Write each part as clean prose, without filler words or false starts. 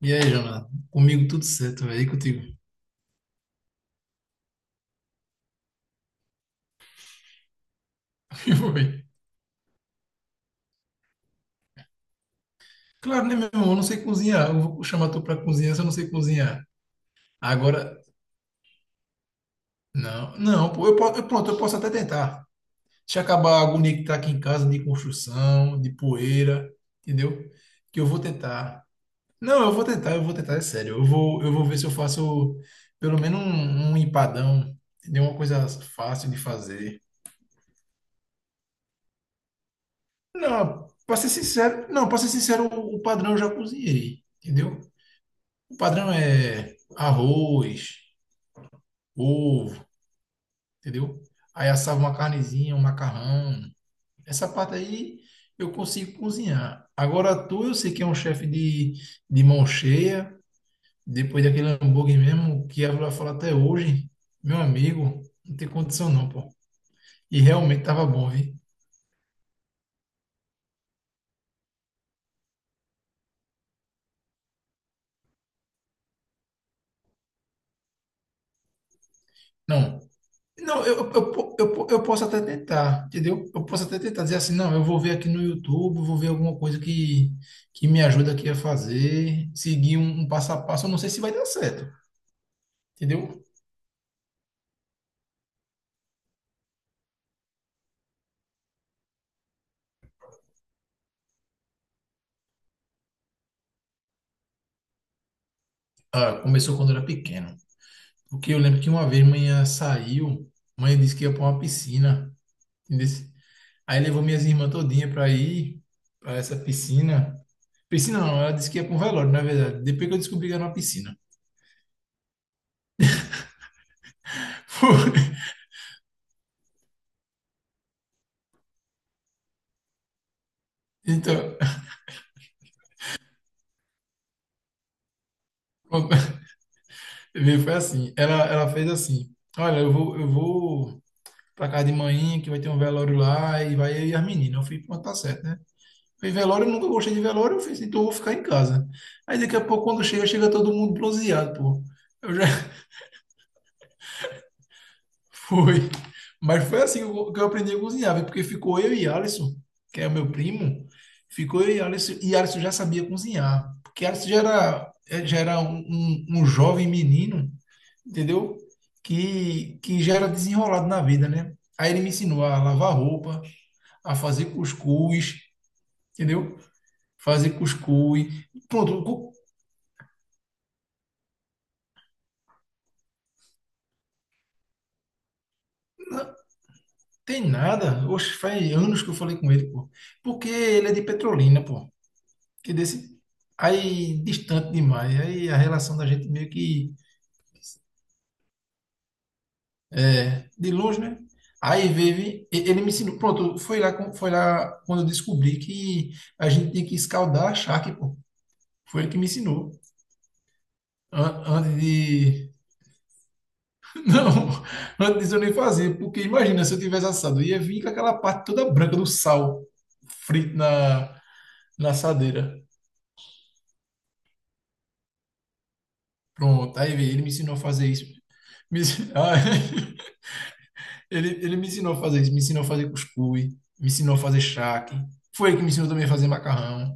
E aí, Jonathan? Comigo tudo certo, velho. E contigo? Foi. Claro, né, meu irmão? Eu não sei cozinhar. Eu vou chamar tu pra cozinhar se eu não sei cozinhar. Agora, não, não, pô, pronto, eu posso até tentar. Deixa acabar a agonia que tá aqui em casa de construção, de poeira, entendeu? Que eu vou tentar. Não, eu vou tentar, é sério. Eu vou ver se eu faço pelo menos um empadão, entendeu? Uma coisa fácil de fazer. Não, pra ser sincero, não, pra ser sincero, o padrão eu já cozinhei, entendeu? O padrão é arroz, ovo, entendeu? Aí assava uma carnezinha, um macarrão. Essa parte aí eu consigo cozinhar. Agora tu, eu sei que é um chefe de mão cheia, depois daquele hambúrguer mesmo, que ela vai falar até hoje, meu amigo, não tem condição não, pô. E realmente tava bom, viu? Não, não, eu posso até tentar, entendeu? Eu posso até tentar dizer assim, não, eu vou ver aqui no YouTube, vou ver alguma coisa que me ajuda aqui a fazer, seguir um passo a passo, eu não sei se vai dar certo, entendeu? Ah, começou quando eu era pequeno, porque eu lembro que uma vez manhã saiu, mãe disse que ia para uma piscina, entendeu? Aí levou minhas irmãs todinha para ir para essa piscina. Piscina não, ela disse que ia para um velório, na verdade, depois que eu descobri que era uma piscina. Então, viu? Foi assim. Ela fez assim: Olha, eu vou pra casa de manhã, que vai ter um velório lá, e vai eu e as meninas. Eu fui, pronto, tá certo, né? Fui em velório, eu nunca gostei de velório, eu fiz, então eu vou ficar em casa. Aí daqui a pouco, quando chega, chega todo mundo bronzeado, pô. Eu já foi. Mas foi assim que eu aprendi a cozinhar, viu? Porque ficou eu e Alisson, que é o meu primo, ficou eu e Alisson já sabia cozinhar, porque Alisson já era, já era um, um jovem menino, entendeu? Que já era desenrolado na vida, né? Aí ele me ensinou a lavar roupa, a fazer cuscuz, entendeu? Fazer cuscuz. Pronto, cu- não tem nada. Oxe, faz anos que eu falei com ele, pô. Porque ele é de Petrolina, pô. Que desse aí distante demais. Aí a relação da gente meio que é, de longe, né? Aí vive, ele me ensinou, pronto, foi lá, com- foi lá quando eu descobri que a gente tinha que escaldar a charque, pô. Foi ele que me ensinou. An- antes de. Não, antes disso eu nem fazia, porque imagina se eu tivesse assado, eu ia vir com aquela parte toda branca do sal frito na assadeira. Pronto, aí veio, ele me ensinou a fazer isso. Me ensinou... ele me ensinou a fazer isso, me ensinou a fazer cuscuz, me ensinou a fazer charque. Foi ele que me ensinou também a fazer macarrão.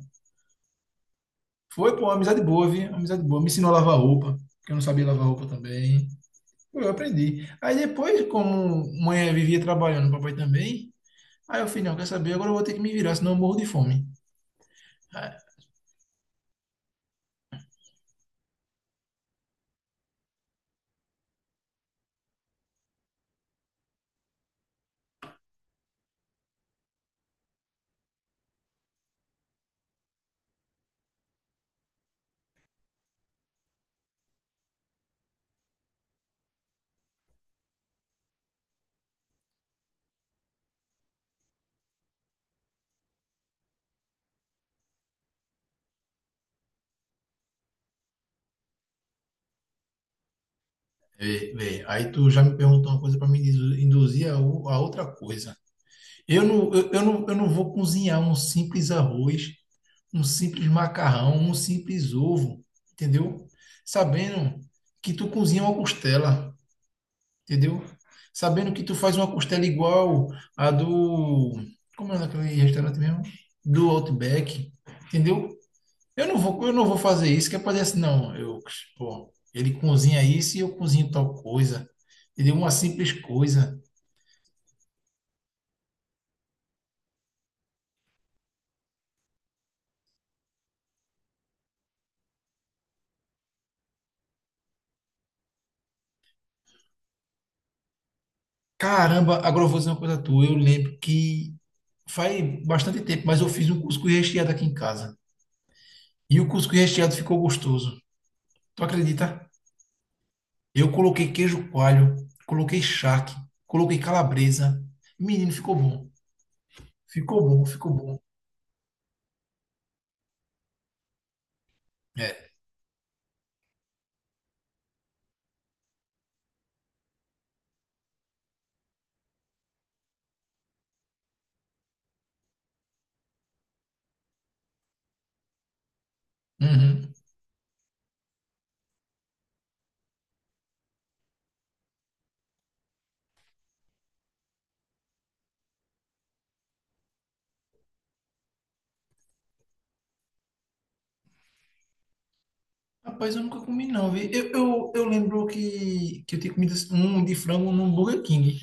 Foi, pô, uma amizade boa, viu? Uma amizade boa. Me ensinou a lavar roupa, porque eu não sabia lavar roupa também. Pô, eu aprendi. Aí depois, como mãe vivia trabalhando, papai também, aí eu falei, não, quer saber? Agora eu vou ter que me virar, senão eu morro de fome. Vê, vê. Aí tu já me perguntou uma coisa para me indu- induzir a, o- a outra coisa. Eu não vou cozinhar um simples arroz um simples macarrão, um simples ovo, entendeu? Sabendo que tu cozinha uma costela, entendeu? Sabendo que tu faz uma costela igual a do. Como é naquele restaurante mesmo? Do Outback, entendeu? Eu não vou fazer isso, que é pra dizer assim, não, eu, pô, ele cozinha isso e eu cozinho tal coisa, entendeu? Uma simples coisa. Caramba, agora eu vou dizer uma coisa tua, eu lembro que faz bastante tempo, mas eu fiz um cuscuz recheado aqui em casa. E o cuscuz recheado ficou gostoso. Tu acredita? Eu coloquei queijo coalho, coloquei charque, coloquei calabresa. Menino, ficou bom. Ficou bom, ficou bom. É. Uhum. Rapaz, eu nunca comi não, vi. Eu lembro que eu tinha comido um de frango num Burger King.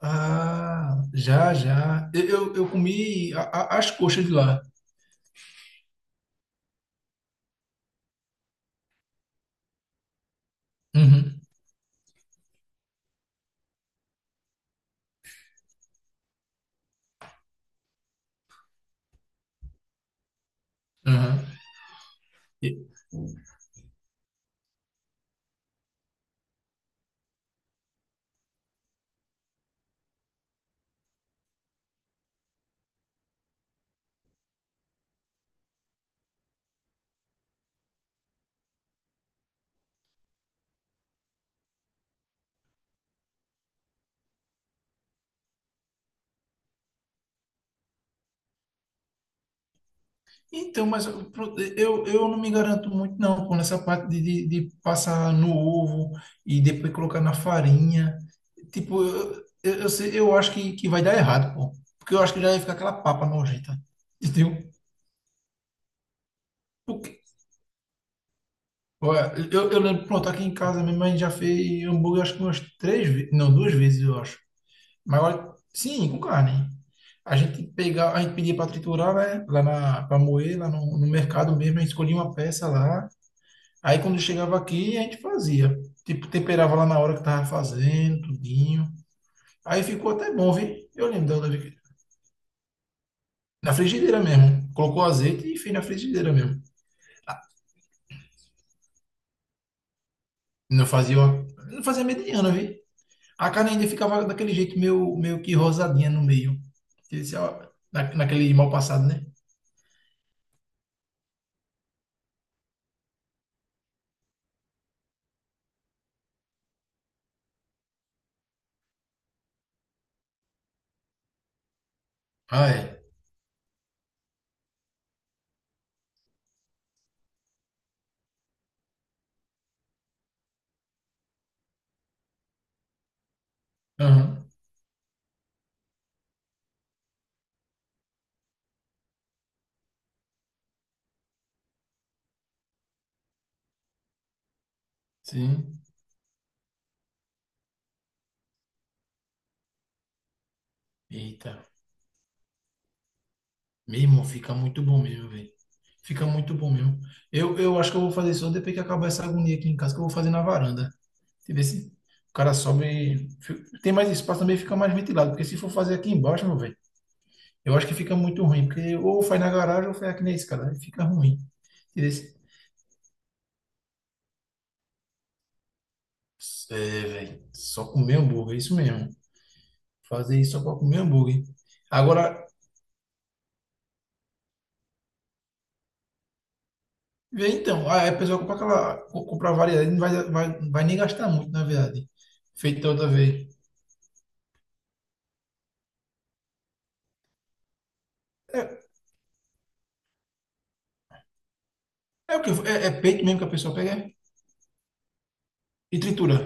Ah, já, já. Eu comi as coxas de lá. Uhum. Uhum. Então, mas eu, eu não me garanto muito, não, com essa parte de passar no ovo e depois colocar na farinha. Tipo, eu acho que vai dar errado, pô. Porque eu acho que já ia ficar aquela papa nojenta. Entendeu? Porque, olha, eu lembro, pronto, aqui em casa minha mãe já fez hambúrguer, acho que umas três vezes, não, duas vezes, eu acho. Mas olha, sim, com carne. A gente pegava, a gente pedia para triturar, né? Para moer, lá no, no mercado mesmo, a gente escolhia uma peça lá. Aí quando chegava aqui, a gente fazia. Tipo, temperava lá na hora que tava fazendo, tudinho. Aí ficou até bom, viu? Eu lembro da outra vez que- na frigideira mesmo. Colocou azeite e fez na frigideira mesmo. Não fazia, uma- não fazia mediana, viu? A carne ainda ficava daquele jeito meio, meio que rosadinha no meio. Esse, ó, na- naquele mal passado, né? Ah, é. Aham. Sim. Eita. Meu irmão, fica muito bom mesmo, velho. Fica muito bom mesmo. Eu acho que eu vou fazer só depois que acabar essa agonia aqui em casa, que eu vou fazer na varanda. Entendeu? Se o cara sobe, fi- tem mais espaço também, fica mais ventilado, porque se for fazer aqui embaixo, meu velho, eu acho que fica muito ruim, porque ou faz na garagem ou faz aqui na escada, aí fica ruim. Entendeu? É, velho, só comer hambúrguer, é isso mesmo. Fazer isso só pra comer hambúrguer. Agora, vê então, aí a pessoa compra aquela, co- compra a variedade, não vai, vai nem gastar muito, na verdade. Feito da outra vez. É, é o que? É, é peito mesmo que a pessoa pega é? E tritura.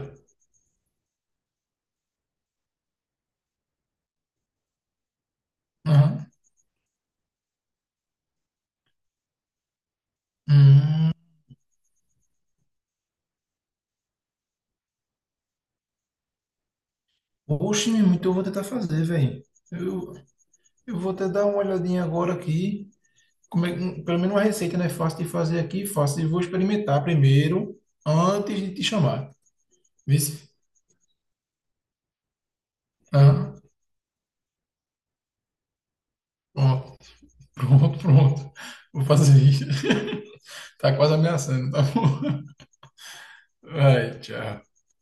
Aham. Hum, oxe, meu irmão, então eu vou tentar fazer, velho. Eu, eu vou até dar uma olhadinha agora aqui. Como é, um- pelo menos uma receita, né? Fácil de fazer aqui, fácil. E vou experimentar primeiro, antes de te chamar. Vice? Ah, pronto, pronto, pronto. Vou fazer isso. Tá quase ameaçando, tá bom? Vai, tchau.